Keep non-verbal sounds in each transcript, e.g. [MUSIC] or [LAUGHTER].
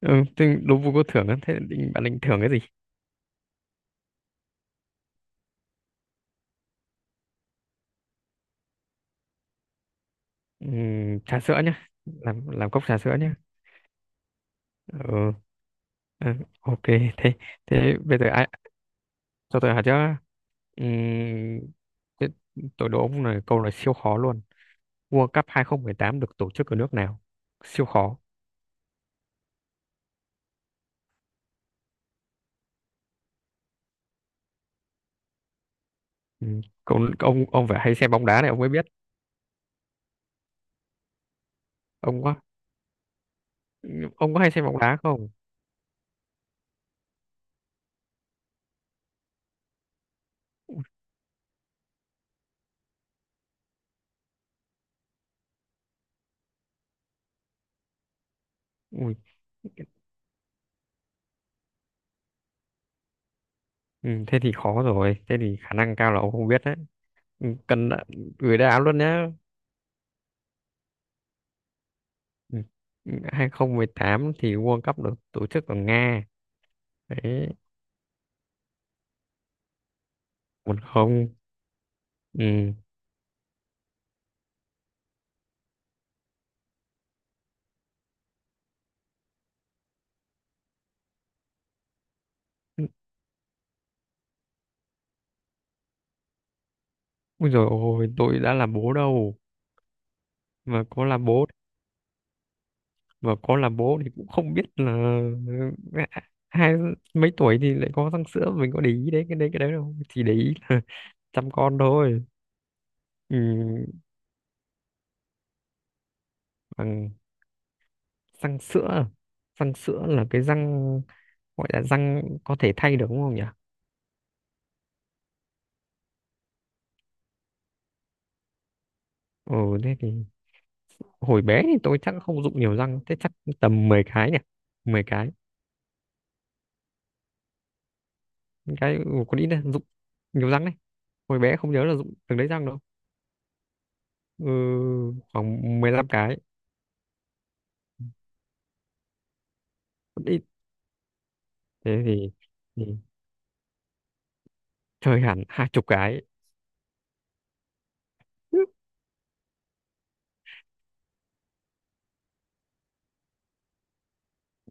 Ừ, Thế đố vui có thưởng á. Thế bạn định thưởng cái gì? Trà sữa nhá, làm cốc trà sữa nhá. Ừ, ừ, ok. Thế thế bây giờ ai cho tôi hỏi chứ? Ừm, Thế tôi đố ông này câu này siêu khó luôn. World Cup 2018 được tổ chức ở nước nào? Siêu khó. Câu, ông phải hay xem bóng đá này ông mới biết. Ông có ông có hay xem bóng đá không? Ui, ừ, thế thì khó rồi, thế thì khả năng cao là ông không biết đấy. Ừ, gửi đáp án luôn nhé. Ừ. 2018 thì World Cup được tổ chức ở Nga. Đấy, một không. Ừ. Ui dồi ôi, tôi đã là bố đâu, mà có là bố mà có là bố thì cũng không biết là. À, hai mấy tuổi thì lại có răng sữa mình có để ý đấy, cái đấy đâu, chỉ để ý là [LAUGHS] chăm con thôi. Ừ. Bằng răng sữa răng sữa là cái răng gọi là răng có thể thay được, đúng không nhỉ? Ừ, thế thì hồi bé thì tôi chắc không dụng nhiều răng thế chắc. Tầm 10 cái nhỉ, 10 cái. Cái ừ, còn ít đấy, dụng nhiều răng đấy. Hồi bé không nhớ là dụng từng đấy răng đâu. Ừ, khoảng 15 cái. Còn ít. Thế thì chơi hẳn 20 cái. [LAUGHS]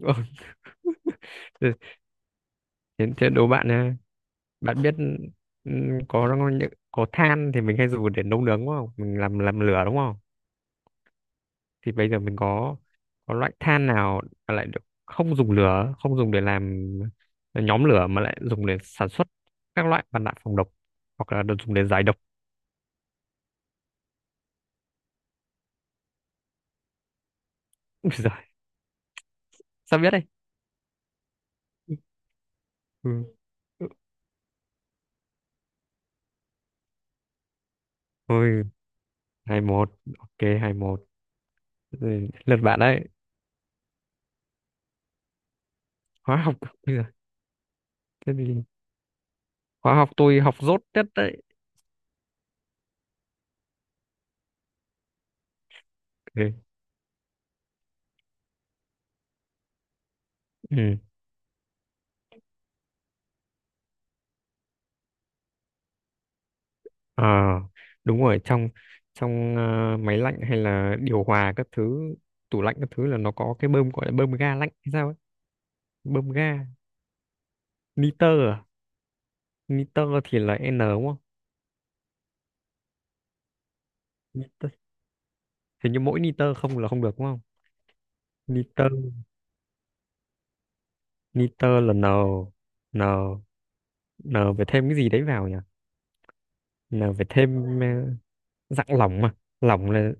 Ừ, thế, thế thế đố bạn nha. Bạn biết ừ, có than thì mình hay dùng để nấu nướng đúng không, mình làm lửa đúng không? Thì bây giờ mình có loại than nào mà lại được không dùng lửa, không dùng để làm nhóm lửa mà lại dùng để sản xuất các loại mặt nạ phòng độc hoặc là được dùng để giải độc. [LAUGHS] Úi giời, sao biết đây? Ừ. Ừ. Ôi, hai một. Ok, hai một. Ừ, lượt bạn đấy. Hóa học [LAUGHS] bây giờ, thế thì hóa học tôi học dốt nhất đấy. Ừ. Ừ. Ờ, đúng rồi, trong trong ờ, máy lạnh hay là điều hòa các thứ, tủ lạnh các thứ là nó có cái bơm gọi là bơm ga lạnh hay sao ấy. Bơm ga niter à? Niter thì là n đúng không? Niter. Hình như mỗi niter không là không được đúng không? Niter niter là n. N, n phải thêm cái gì đấy vào nhỉ? N phải thêm dạng lỏng mà. Lỏng là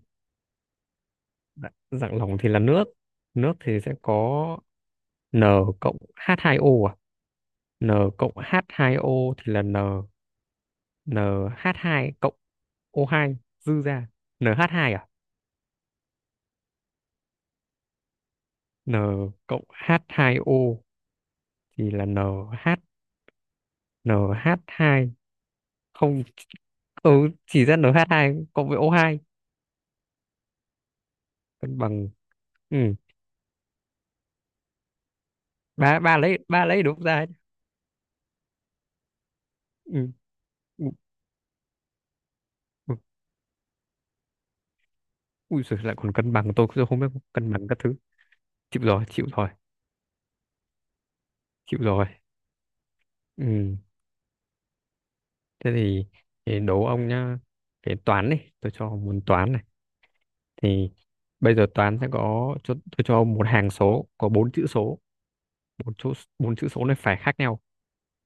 dạng lỏng thì là nước. Nước thì sẽ có n cộng h hai o à? N cộng h hai o thì là n, n, nh hai cộng o hai dư ra nh hai à? N cộng h hai o thì là NH, nh hai không ừ, chỉ ra nh hai cộng với o hai cân bằng. Ừ. Ba, ba lấy, ba lấy đúng ra ấy. Ừ. Ui, ui, ui giời, lại còn cân bằng tôi cũng không biết, cân bằng các thứ. Chịu rồi, chịu rồi, chịu rồi. Ừ. Thế thì đố ông nhá. Cái toán này tôi cho ông, muốn toán này thì bây giờ toán sẽ tôi cho ông một hàng số có bốn chữ số. Bốn chỗ, bốn chữ số này phải khác nhau,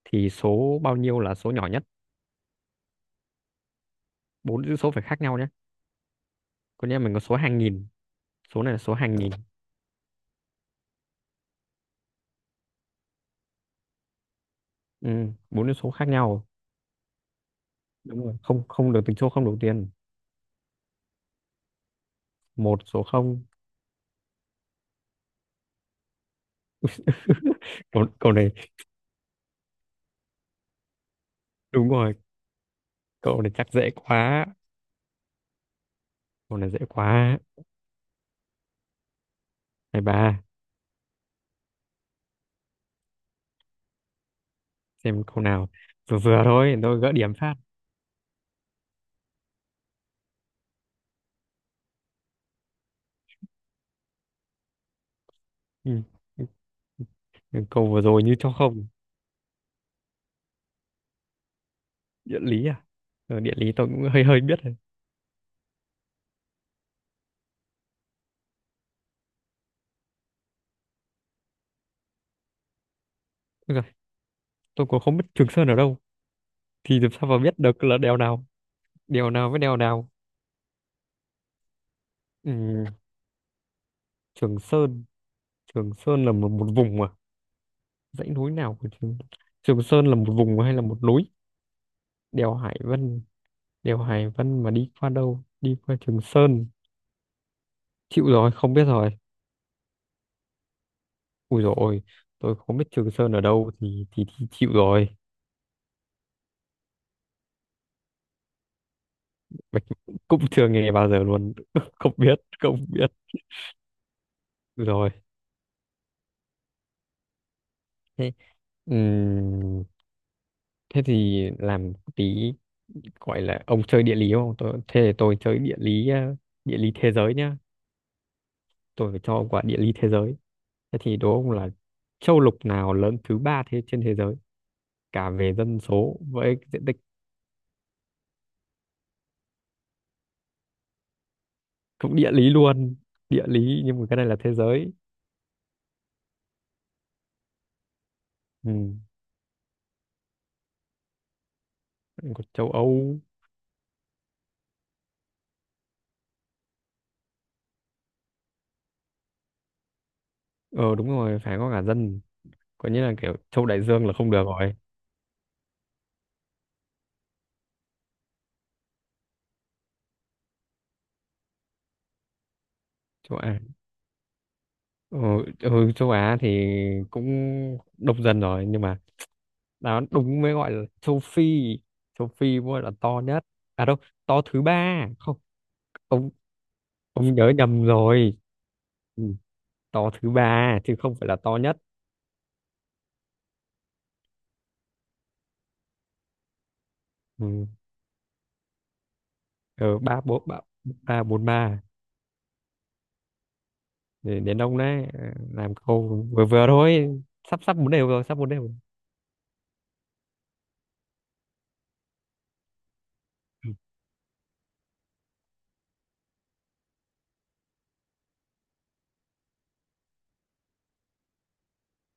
thì số bao nhiêu là số nhỏ nhất? Bốn chữ số phải khác nhau nhé. Con nhà mình có số hàng nghìn, số này là số hàng nghìn. Ừ, bốn cái số khác nhau. Đúng rồi, không, không được tính số không đầu tiên. Một số không. [LAUGHS] Cậu này đúng rồi. Cậu này chắc dễ quá. Cậu này dễ quá. Này bà, xem câu nào vừa vừa thôi tôi gỡ điểm phát. Ừ. Câu vừa rồi như cho không. Địa lý à? Ờ, địa lý tôi cũng hơi hơi biết rồi. Ôi giời, tôi cũng không biết Trường Sơn ở đâu thì làm sao mà biết được là đèo nào, đèo nào với đèo nào. Ừ. Trường Sơn Trường Sơn là một vùng à? Dãy núi nào của Trường, Trường Sơn là một vùng hay là một núi? Đèo Hải Vân đèo Hải Vân mà đi qua đâu, đi qua Trường Sơn? Chịu rồi, không biết rồi. Ui rồi, tôi không biết Trường Sơn ở đâu thì, chịu rồi. Bạch [LAUGHS] cũng chưa nghe bao giờ luôn, [LAUGHS] không biết, không biết. Ui rồi. Thế ừm, thế thì làm tí gọi là, ông chơi địa lý không, tôi thế thì tôi chơi địa lý, địa lý thế giới nhá. Tôi phải cho ông quả địa lý thế giới. Thế thì đố ông là châu lục nào lớn thứ ba thế trên thế giới, cả về dân số với diện tích. Cũng địa lý luôn. Địa lý nhưng mà cái này là thế giới. Ừ. Còn châu Âu. Ờ Đúng rồi, phải có cả dân, có nghĩa là kiểu châu Đại Dương là không được rồi. Châu Á. Ờ, ừ, châu Á thì cũng đông dân rồi nhưng mà đó đúng mới gọi là châu Phi. Châu Phi mới gọi là to nhất. À đâu, to thứ ba không. Ông ông nhớ nhầm rồi. Ừ. To thứ ba chứ không phải là to nhất. Ừ. Ở ba bốn ba, ba bốn ba. Để đến ông đấy, làm câu vừa vừa thôi. Sắp sắp bốn đều rồi, sắp bốn đều rồi. Ừ.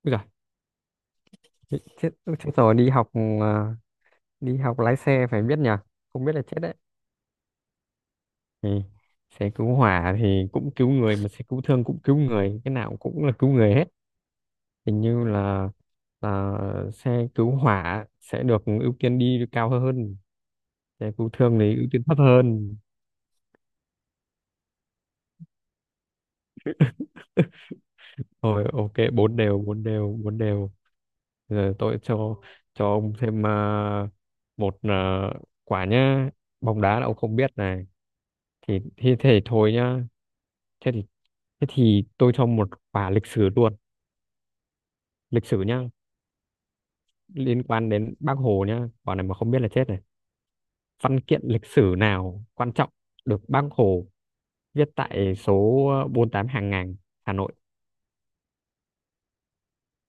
Úi giời, chết, chết, chết rồi. Đi học, ờ, đi học lái xe phải biết nhỉ. Không biết là chết đấy. Ừ. Xe cứu hỏa thì cũng cứu người, mà xe cứu thương cũng cứu người, cái nào cũng là cứu người hết. Hình như là xe cứu hỏa sẽ được ưu tiên đi cao hơn, thế cứu thương thì ưu tiên thấp hơn. [LAUGHS] Thôi ok, bốn đều, bốn đều, bốn đều. Giờ tôi cho ông thêm một quả nhá. Bóng đá là ông không biết này thì thể thôi nhá. Thế thì thế thì tôi cho một quả lịch sử luôn. Lịch sử nhá, liên quan đến Bác Hồ nhá, quả này mà không biết là chết này. Văn kiện lịch sử nào quan trọng được Bác Hồ viết tại số 48 hàng ngàn Hà Nội,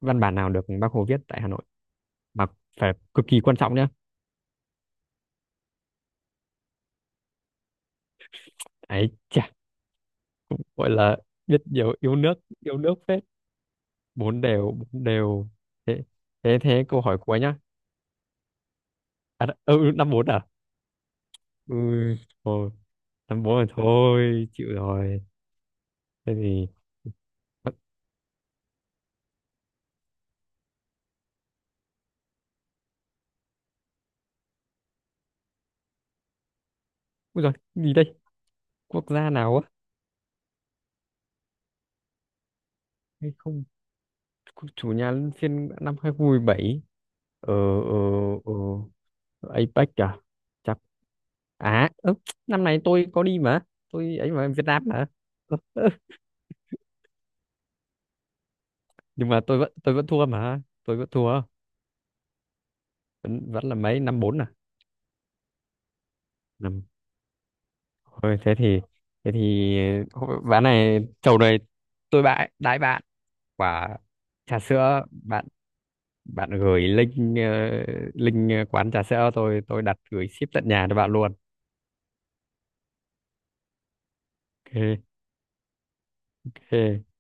văn bản nào được Bác Hồ viết tại Hà Nội mà phải cực kỳ quan trọng nhá. Ấy chà, gọi là biết nhiều, yêu nước, yêu nước phết. Bốn đều, bốn đều. Thế thế thế câu hỏi cuối nhá. À, ừ, năm bốn à. Ừ, thôi, năm bốn rồi thôi, chịu rồi. Thế thì. Ủa, ui giời, gì đây, quốc gia nào á, hay không? Chủ nhà luân phiên năm 2017 ở ở ờ APEC à, chắc. À năm này tôi có đi mà. Tôi ấy mà Việt Nam mà. Nhưng mà tôi vẫn thua mà tôi vẫn thua. Vẫn vẫn là mấy? Năm bốn à. Năm, thôi. Thế thì ván này, chầu này tôi bãi đãi bạn quả trà sữa bạn. Bạn gửi link link quán trà sữa tôi đặt gửi ship tận nhà cho bạn luôn. Ok ok.